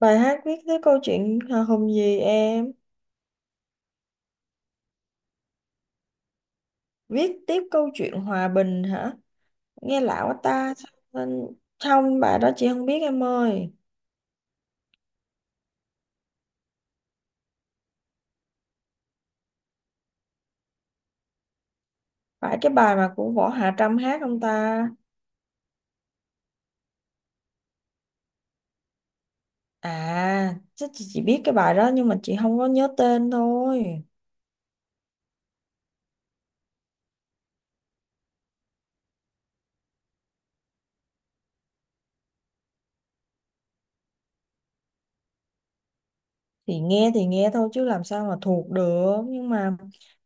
Bài hát viết tiếp câu chuyện hào hùng gì em? Viết tiếp câu chuyện hòa bình hả? Nghe lạ quá ta. Nên trong bài đó chị không biết em ơi. Phải cái bài mà của Võ Hạ Trâm hát không ta? À, chắc chị chỉ biết cái bài đó nhưng mà chị không có nhớ tên thôi. Thì nghe thôi chứ làm sao mà thuộc được. Nhưng mà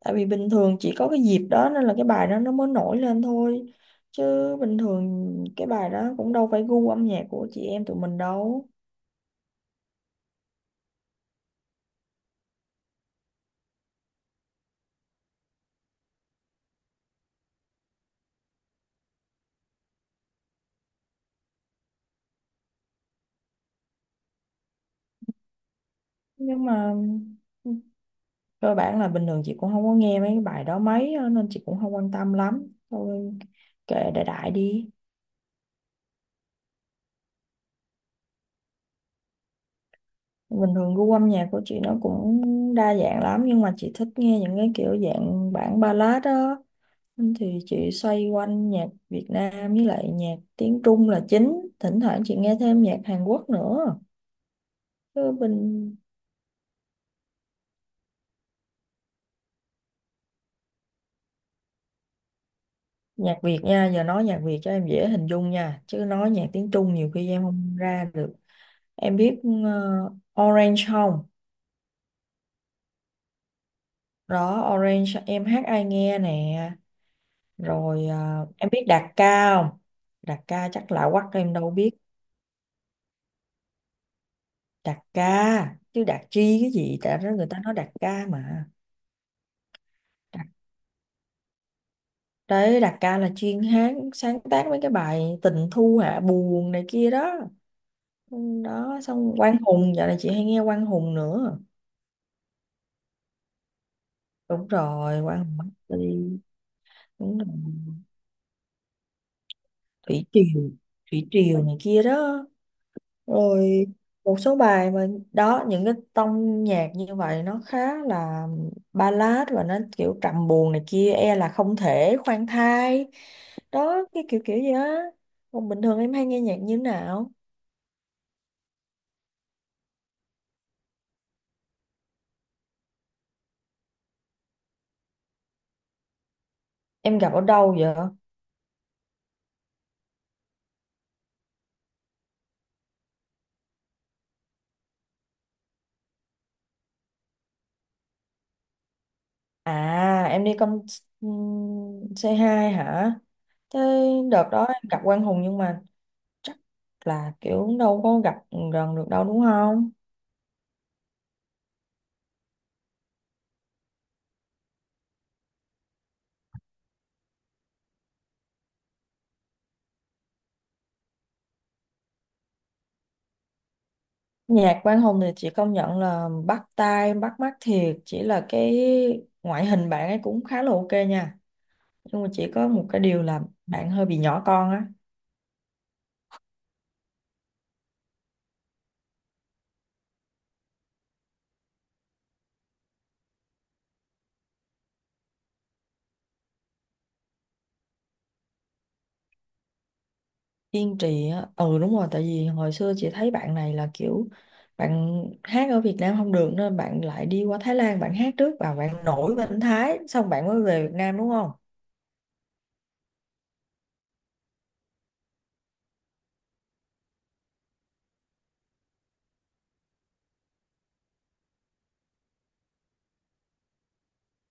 tại vì bình thường chỉ có cái dịp đó nên là cái bài đó nó mới nổi lên thôi. Chứ bình thường cái bài đó cũng đâu phải gu âm nhạc của chị em tụi mình đâu. Nhưng mà cơ bản là bình thường chị cũng không có nghe mấy cái bài đó mấy á, nên chị cũng không quan tâm lắm thôi, kệ đại đại đi. Bình thường gu âm nhạc của chị nó cũng đa dạng lắm, nhưng mà chị thích nghe những cái kiểu dạng bản ballad đó. Nên thì chị xoay quanh nhạc Việt Nam với lại nhạc tiếng Trung là chính, thỉnh thoảng chị nghe thêm nhạc Hàn Quốc nữa. Chứ bình Nhạc Việt nha, giờ nói nhạc Việt cho em dễ hình dung nha, chứ nói nhạc tiếng Trung nhiều khi em không ra được. Em biết Orange không? Đó, Orange em hát ai nghe nè. Rồi em biết Đạt Ca không? Đạt Ca chắc lạ quắc em đâu biết. Đạt Ca, chứ Đạt Chi cái gì? Tại đó người ta nói Đạt Ca mà. Đạt, Đấy, Đạt Ca là chuyên hát, sáng tác mấy cái bài tình thu hạ buồn này kia đó. Ừ, đó, xong Quang Hùng, dạo này chị hay nghe Quang Hùng nữa. Đúng rồi, Quang Hùng Master, đúng rồi. Thủy Triều, Thủy Triều này kia đó. Rồi một số bài mà, đó những cái tông nhạc như vậy nó khá là ballad và nó kiểu trầm buồn này kia, e là không thể khoan thai, đó cái kiểu kiểu gì á. Còn bình thường em hay nghe nhạc như thế nào? Em gặp ở đâu vậy? À em đi con C2 hả? Thế đợt đó em gặp Quang Hùng nhưng mà chắc là kiểu đâu có gặp gần được đâu đúng không? Nhạc Quang Hùng thì chị công nhận là bắt tai, bắt mắt thiệt, chỉ là cái ngoại hình bạn ấy cũng khá là ok nha. Nhưng mà chỉ có một cái điều là bạn hơi bị nhỏ con á, kiên trì á. Ừ đúng rồi, tại vì hồi xưa chị thấy bạn này là kiểu bạn hát ở Việt Nam không được nên bạn lại đi qua Thái Lan, bạn hát trước và bạn nổi bên Thái, xong bạn mới về Việt Nam đúng không?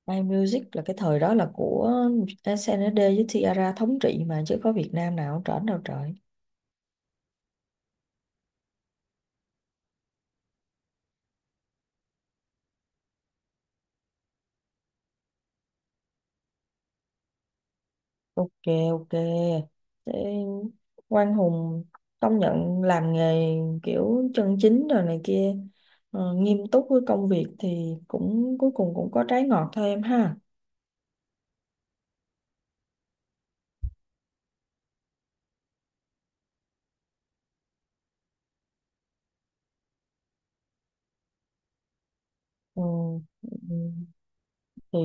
My Music là cái thời đó là của SNSD với Tiara thống trị mà, chứ có Việt Nam nào trển đâu trời. Ok, ok, thế Quang Hùng công nhận làm nghề kiểu chân chính rồi này kia, nghiêm túc với công việc thì cũng cuối cùng cũng có trái ngọt thôi em ha. Ừ. Ừ. Thì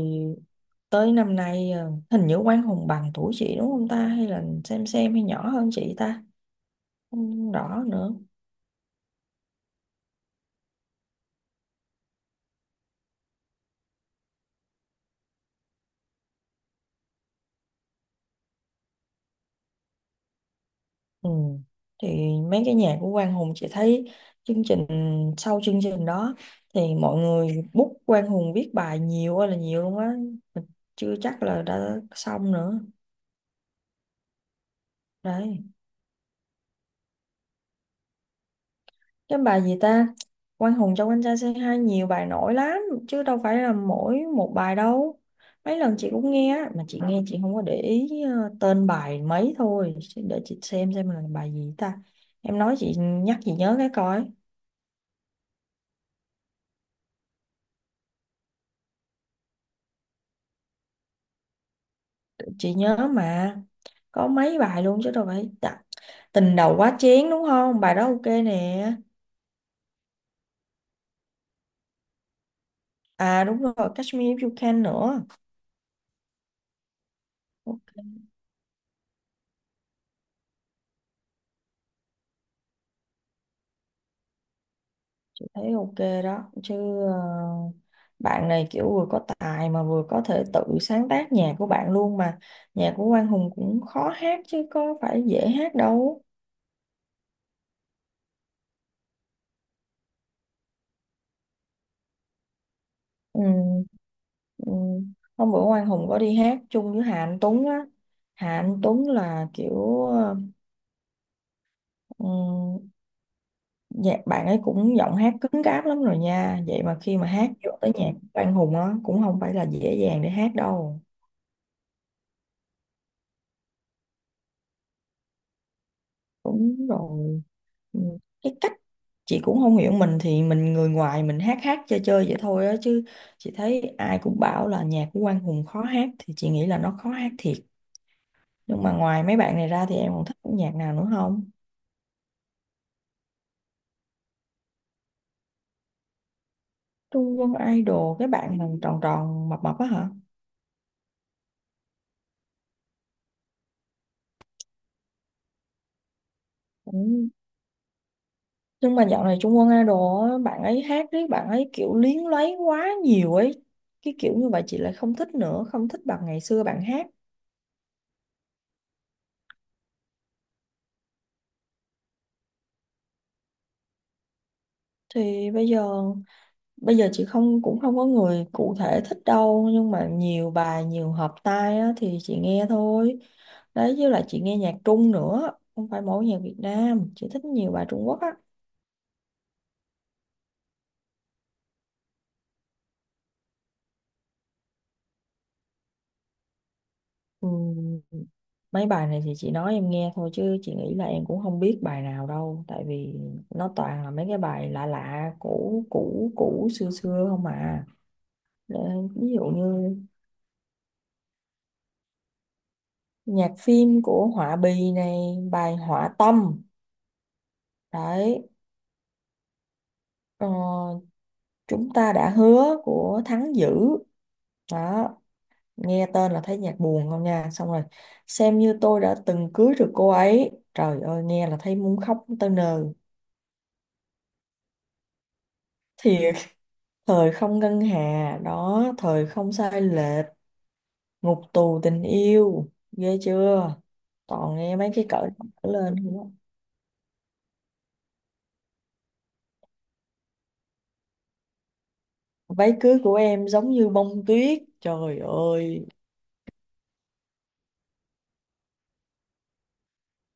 tới năm nay hình như Quang Hùng bằng tuổi chị đúng không ta, hay là xem hay nhỏ hơn chị ta, không rõ nữa. Ừ. Thì mấy cái nhà của Quang Hùng chị thấy chương trình, sau chương trình đó thì mọi người book Quang Hùng viết bài nhiều ơi là nhiều luôn á. Mình chưa chắc là đã xong nữa đấy. Cái bài gì ta? Quang Hùng trong anh trai Say Hi nhiều bài nổi lắm chứ đâu phải là mỗi một bài đâu, mấy lần chị cũng nghe á, mà chị nghe chị không có để ý tên bài mấy thôi. Chứ để chị xem là bài gì ta, em nói chị nhắc chị nhớ cái coi. Chị nhớ mà, có mấy bài luôn chứ đâu phải dạ. Tình đầu quá chén đúng không, bài đó ok nè. À đúng rồi, Catch Me If You Can nữa. Ok, thấy ok đó chứ. ờ, Bạn này kiểu vừa có tài mà vừa có thể tự sáng tác nhạc của bạn luôn mà, nhạc của Quang Hùng cũng khó hát chứ có phải dễ hát đâu. Ừ, ừ. Hôm bữa Quang Hùng có đi hát chung với Hà Anh Tuấn á. Hà Anh Tuấn là kiểu ừ, dạ, bạn ấy cũng giọng hát cứng cáp lắm rồi nha. Vậy mà khi mà hát vô tới nhạc của Quang Hùng á cũng không phải là dễ dàng để hát đâu. Đúng rồi. Ừ, cái cách chị cũng không hiểu, mình thì mình người ngoài mình hát hát chơi chơi vậy thôi á, chứ chị thấy ai cũng bảo là nhạc của Quang Hùng khó hát thì chị nghĩ là nó khó hát thiệt. Nhưng mà ngoài mấy bạn này ra thì em còn thích nhạc nào nữa không? Trung Quân Idol cái bạn mà tròn tròn mập mập á hả? Ừ. Nhưng mà dạo này Trung Quân Idol á, bạn ấy hát đấy, bạn ấy kiểu luyến lấy quá nhiều ấy. Cái kiểu như vậy chị lại không thích nữa, không thích bằng ngày xưa bạn hát. Thì bây giờ chị không cũng không có người cụ thể thích đâu, nhưng mà nhiều bài, nhiều hợp tai á, thì chị nghe thôi. Đấy với lại chị nghe nhạc Trung nữa, không phải mỗi nhạc Việt Nam, chị thích nhiều bài Trung Quốc á. Ừ. Mấy bài này thì chị nói em nghe thôi chứ chị nghĩ là em cũng không biết bài nào đâu, tại vì nó toàn là mấy cái bài lạ lạ cũ cũ cũ xưa xưa không à. Ờ, ví dụ như nhạc phim của Họa Bì này, bài Họa Tâm đấy. ờ, Chúng ta đã hứa của Thắng Dữ đó, nghe tên là thấy nhạc buồn không nha. Xong rồi xem như tôi đã từng cưới được cô ấy, trời ơi nghe là thấy muốn khóc tới nơi thiệt. Thời không ngân hà đó, thời không sai lệch, ngục tù tình yêu, ghê chưa, toàn nghe mấy cái cỡ đó trở lên không á. Váy cưới của em giống như bông tuyết, trời ơi.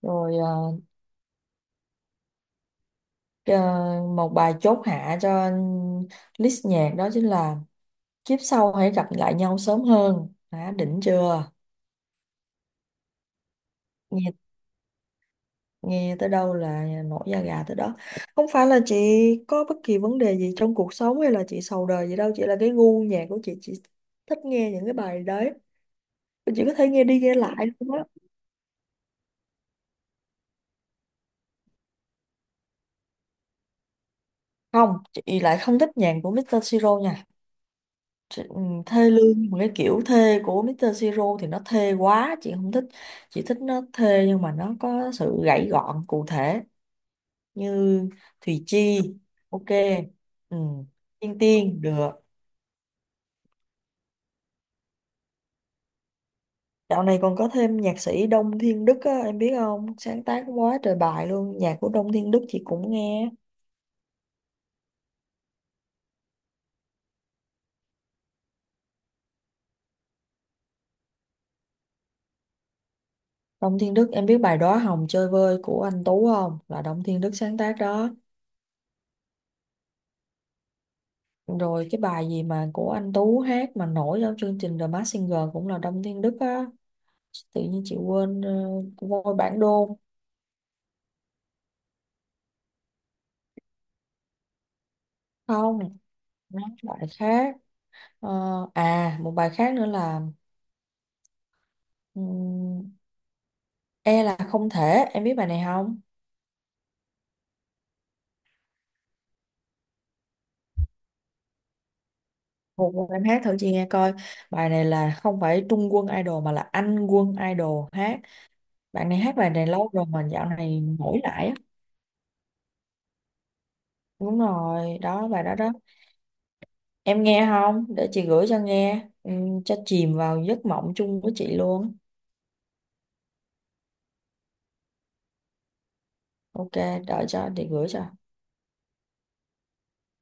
Rồi à, à, một bài chốt hạ cho list nhạc đó chính là kiếp sau hãy gặp lại nhau sớm hơn, đã đỉnh chưa? Nghe tới đâu là nổi da gà tới đó. Không phải là chị có bất kỳ vấn đề gì trong cuộc sống hay là chị sầu đời gì đâu, chỉ là cái gu nhạc của chị thích nghe những cái bài đấy, chị có thể nghe đi nghe lại luôn á. Không, chị lại không thích nhạc của Mr. Siro nha. Chị, ừ, thê lương một cái kiểu thê của Mr. Siro thì nó thê quá chị không thích, chị thích nó thê nhưng mà nó có sự gãy gọn cụ thể như Thùy Chi. Ok, ừ. Tiên Tiên được. Dạo này còn có thêm nhạc sĩ Đông Thiên Đức á, em biết không? Sáng tác quá trời bài luôn. Nhạc của Đông Thiên Đức chị cũng nghe. Đông Thiên Đức, em biết bài Đóa Hồng Chơi Vơi của anh Tú không? Là Đông Thiên Đức sáng tác đó. Rồi cái bài gì mà của anh Tú hát mà nổi trong chương trình The Masked Singer cũng là Đông Thiên Đức á. Tự nhiên chị quên voi bản đôn. Không, nó bài khác. Ờ, à, một bài khác nữa là ừm, E là không thể. Em biết bài này không? Một vài em hát thử chị nghe coi. Bài này là không phải Trung Quân Idol, mà là Anh Quân Idol hát. Bạn này hát bài này lâu rồi mà dạo này nổi lại á. Đúng rồi, đó bài đó đó. Em nghe không? Để chị gửi cho nghe, ừ, cho chìm vào giấc mộng chung với chị luôn. Ok, đợi cho chị gửi cho.